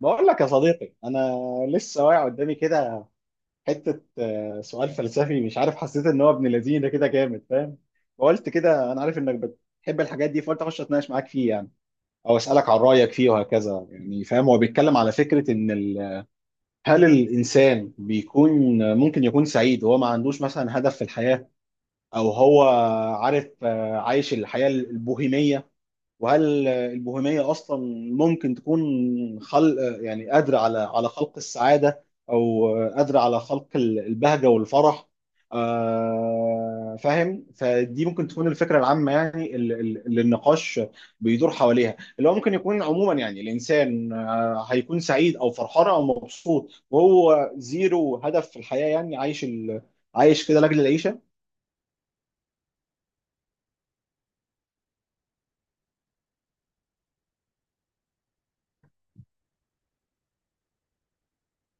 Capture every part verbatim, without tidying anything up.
بقول لك يا صديقي، انا لسه واقع قدامي كده حته آه، سؤال فلسفي. مش عارف، حسيت ان هو ابن لذينه كده جامد. فاهم؟ فقلت كده انا عارف انك بتحب الحاجات دي، فقلت اخش اتناقش معاك فيه يعني او اسالك عن رايك فيه وهكذا. يعني فاهم، هو بيتكلم على فكره ان ال... هل الانسان بيكون ممكن يكون سعيد وهو ما عندوش مثلا هدف في الحياه، او هو عارف آه، عايش الحياه البوهيميه؟ وهل البوهيمية أصلا ممكن تكون خلق، يعني قادرة على على خلق السعادة، أو قادرة على خلق ال- البهجة والفرح. آه، فاهم، فدي ممكن تكون الفكرة العامة، يعني ال- ال- اللي النقاش بيدور حواليها، اللي هو ممكن يكون عموما يعني الإنسان آه، هيكون سعيد أو فرحان أو مبسوط وهو زيرو هدف في الحياة، يعني عايش ال... عايش كده لأجل العيشة.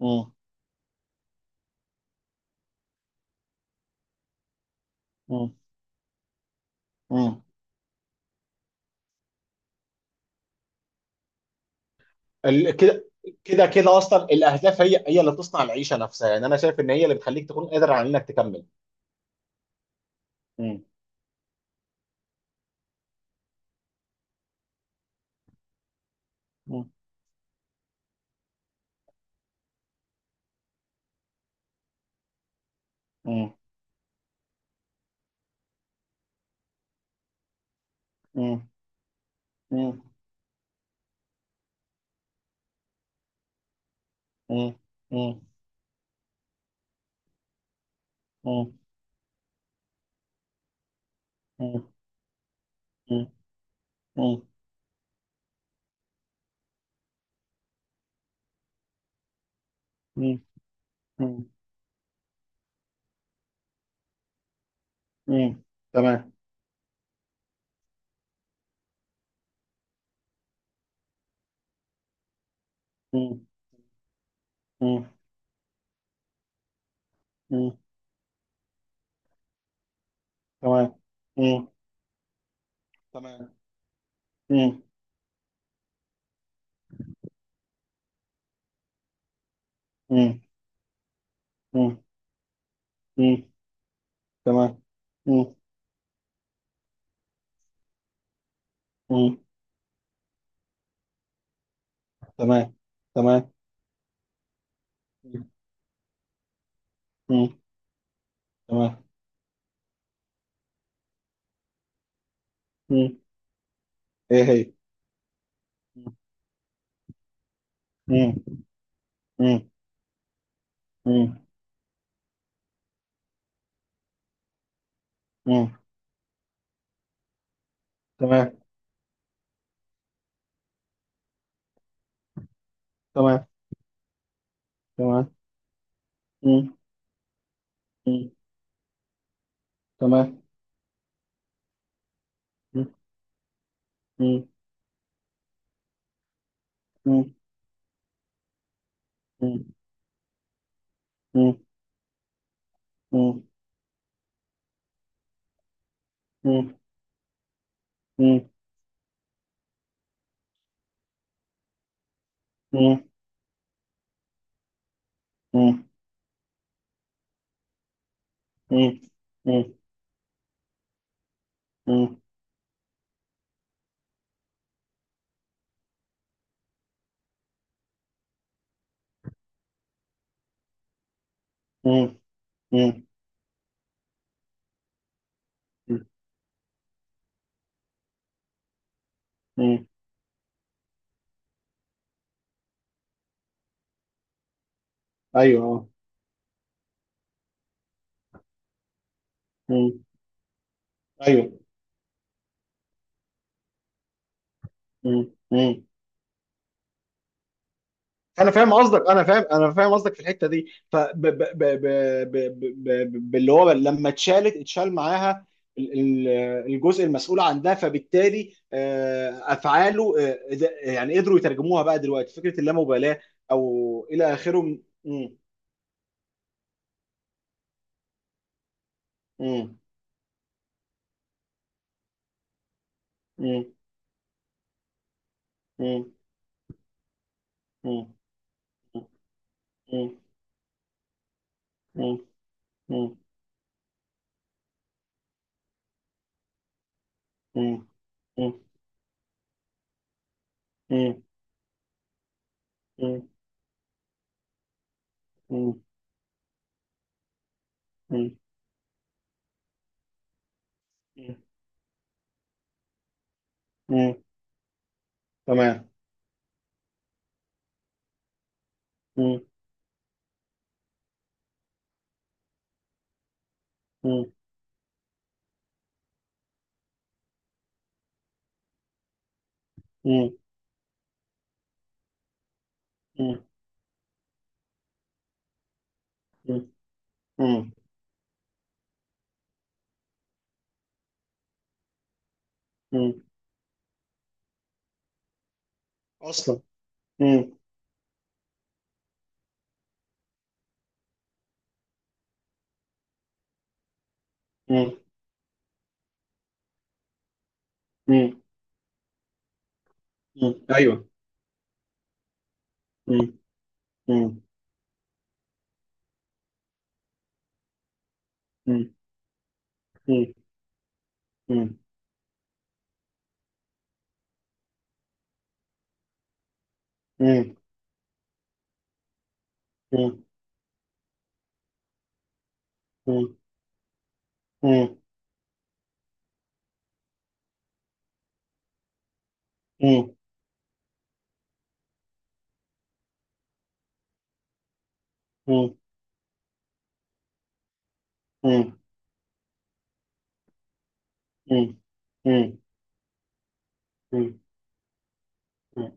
مم. مم. مم. ال- كده كده كده اصلا الاهداف هي هي اللي بتصنع العيشه نفسها، يعني انا شايف ان هي اللي بتخليك تكون قادر على انك تكمل. مم. مم. مم. مم. مم. مم. مم. مم. مم. مم. مم. مم. مم. تمام. مم. مم. مم. تمام. مم. تمام. مم. مم. مم. مم. تمام. مم. مم. تمام. تمام. مم. مم. تمام. مم. ايه هي؟ مم. مم. مم. مم. تمام. تمام. تمام. مم، مم، تمام. مم، مم، مم، مم، مم، مم، مم، مم، مم، مم، مم، مم، مم، مم، مم، مم. ايوه آه. مم، ايوه. مم. مم. انا فاهم قصدك انا فاهم انا فاهم قصدك في الحته دي. ف ب- ب- ب- ب- ب- ب- باللي هو لما اتشالت اتشال معاها ال- ال- الجزء المسؤول عنها، فبالتالي آه، افعاله، آه، ده- يعني قدروا يترجموها بقى دلوقتي فكره اللامبالاه او الى اخره. م- م- م- م- م- م- م- م- م- م- م- م- م- م- م- م- تمام. م- م- م- م- م- مم. اصلا، اصلا. مم. مم. مم. مم. ايوه. مم. مم. مم. مم. مم. مم. مم. مم. مم. مم. مم. مم. مم. مم. مم.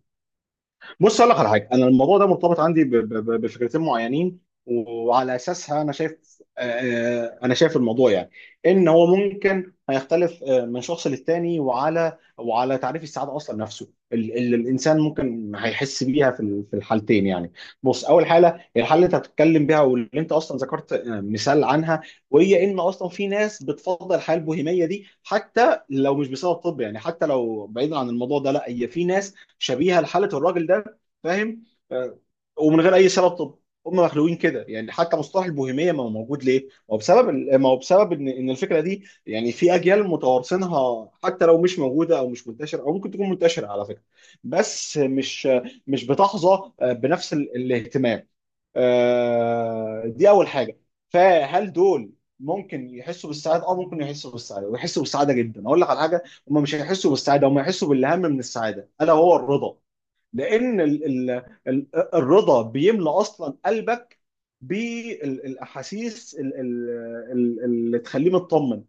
بص، اقول لك على حاجه. انا الموضوع ده مرتبط عندي ب- ب- ب- بفكرتين معينين، وعلى اساسها انا شايف، آه، آه، انا شايف الموضوع، يعني ان هو ممكن هيختلف آه، من شخص للتاني، وعلى وعلى تعريف السعاده اصلا نفسه، اللي الانسان ممكن هيحس بيها في ال- في الحالتين يعني. بص، اول حاله، الحاله اللي انت هتتكلم بيها واللي انت اصلا ذكرت آه، مثال عنها، وهي ان اصلا في ناس بتفضل الحياه البوهيميه دي، حتى لو مش بسبب طب. يعني حتى لو بعيدا عن الموضوع ده، لا، هي في ناس شبيهه لحاله الراجل ده. فاهم؟ آه، ومن غير اي سبب طب، هم مخلوقين كده، يعني حتى مصطلح البوهيميه ما هو موجود ليه؟ ما هو بسبب ال- ما هو بسبب ان ان الفكره دي، يعني في اجيال متوارثينها، حتى لو مش موجوده او مش منتشره، او ممكن تكون منتشره على فكره، بس مش مش بتحظى آه، بنفس ال- الاهتمام. آه، دي اول حاجه. فهل دول ممكن يحسوا بالسعاده؟ اه، ممكن يحسوا بالسعاده، ويحسوا بالسعاده جدا. اقول لك على حاجه، هم مش هيحسوا بالسعاده، هم هيحسوا بالاهم من السعاده الا هو الرضا. لان ال ال ال الرضا بيملى اصلا قلبك بالاحاسيس ال- ال- ال- اللي تخليه مطمن.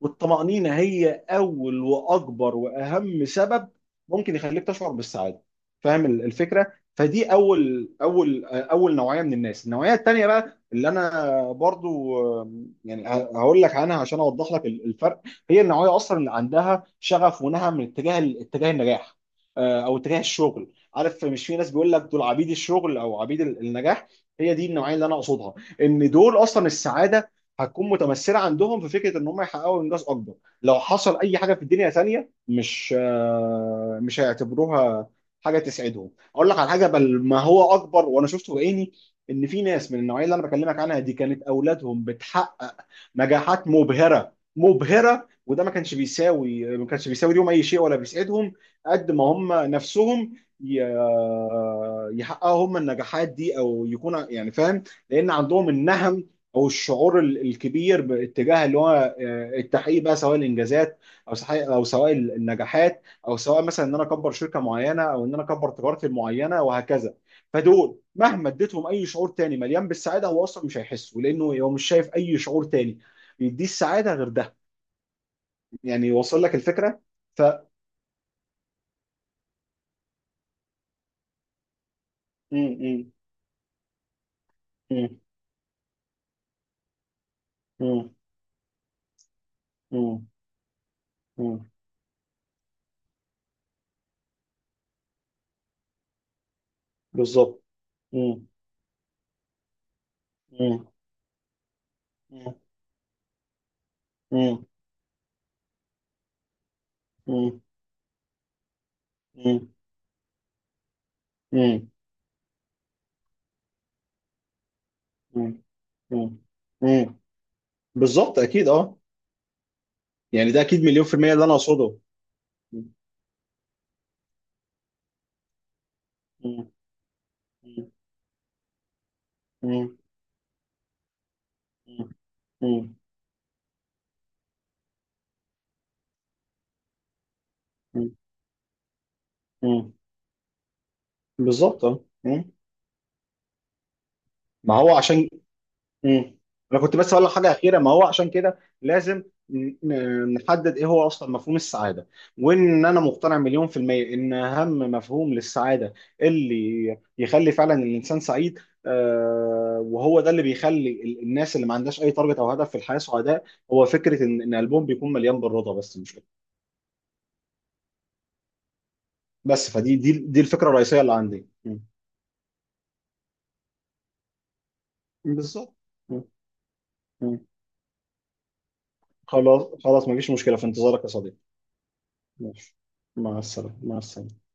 والطمأنينة هي أول وأكبر وأهم سبب ممكن يخليك تشعر بالسعادة. فاهم ال- الفكرة؟ فدي أول أول أول نوعية من الناس. النوعية التانية بقى اللي أنا برضو، آم، يعني ه- هقول لك عنها عشان أوضح لك ال- الفرق. هي النوعية أصلا اللي عندها شغف ونهى من اتجاه ال- اتجاه النجاح، آه، أو اتجاه الشغل. عارف مش في ناس بيقول لك دول عبيد الشغل أو عبيد ال- النجاح؟ هي دي النوعية اللي أنا أقصدها. إن دول أصلا السعادة هتكون متمثله عندهم في فكره ان هم يحققوا انجاز اكبر. لو حصل اي حاجه في الدنيا ثانيه مش آه، مش هيعتبروها حاجه تسعدهم. اقول لك على حاجه، بل ما هو اكبر، وانا شفته بعيني، ان في ناس من النوعيه اللي انا بكلمك عنها دي، كانت اولادهم بتحقق نجاحات مبهره مبهره، وده ما كانش بيساوي ما كانش بيساوي ليهم اي شيء ولا بيسعدهم، قد ما هم نفسهم ي- يحققوا هم النجاحات دي او يكون، يعني فاهم؟ لان عندهم النهم، او الشعور ال- الكبير باتجاه اللي هو آه، التحقيق بقى، سواء الانجازات، او صحيح، او سواء النجاحات، او سواء مثلا ان انا اكبر شركه معينه، او ان انا اكبر تجارتي المعينه، وهكذا. فدول مهما اديتهم اي شعور تاني مليان بالسعاده، هو اصلا مش هيحسوا، لانه هو مش شايف اي شعور تاني يديه السعاده غير ده. يعني وصل لك الفكره؟ ف م- م- م- م- م- م- بالظبط. م- م- م- م- م- م- م- م- م- بالظبط، اكيد، اه. يعني ده اكيد مليون في المية اللي انا اقصده. م- م- م- م- م- م- بالظبط، اه. م. ما هو عشان م. انا كنت بس اقول لك حاجه اخيره. ما هو عشان كده لازم ن- ن- نحدد ايه هو اصلا مفهوم السعاده، وان انا مقتنع مليون في المية ان اهم مفهوم للسعاده، اللي يخلي فعلا الانسان سعيد، آه، وهو ده اللي بيخلي ال- الناس اللي ما عندهاش اي تارجت او هدف في الحياه سعداء، هو فكره ان ان قلبهم بيكون مليان بالرضا. بس مش بس فدي دي دي الفكره الرئيسيه اللي عندي. م. بالظبط. م. م. خلاص خلاص، مفيش مشكله. في انتظارك يا صديقي. ماشي، مع السلامه، مع السلامه.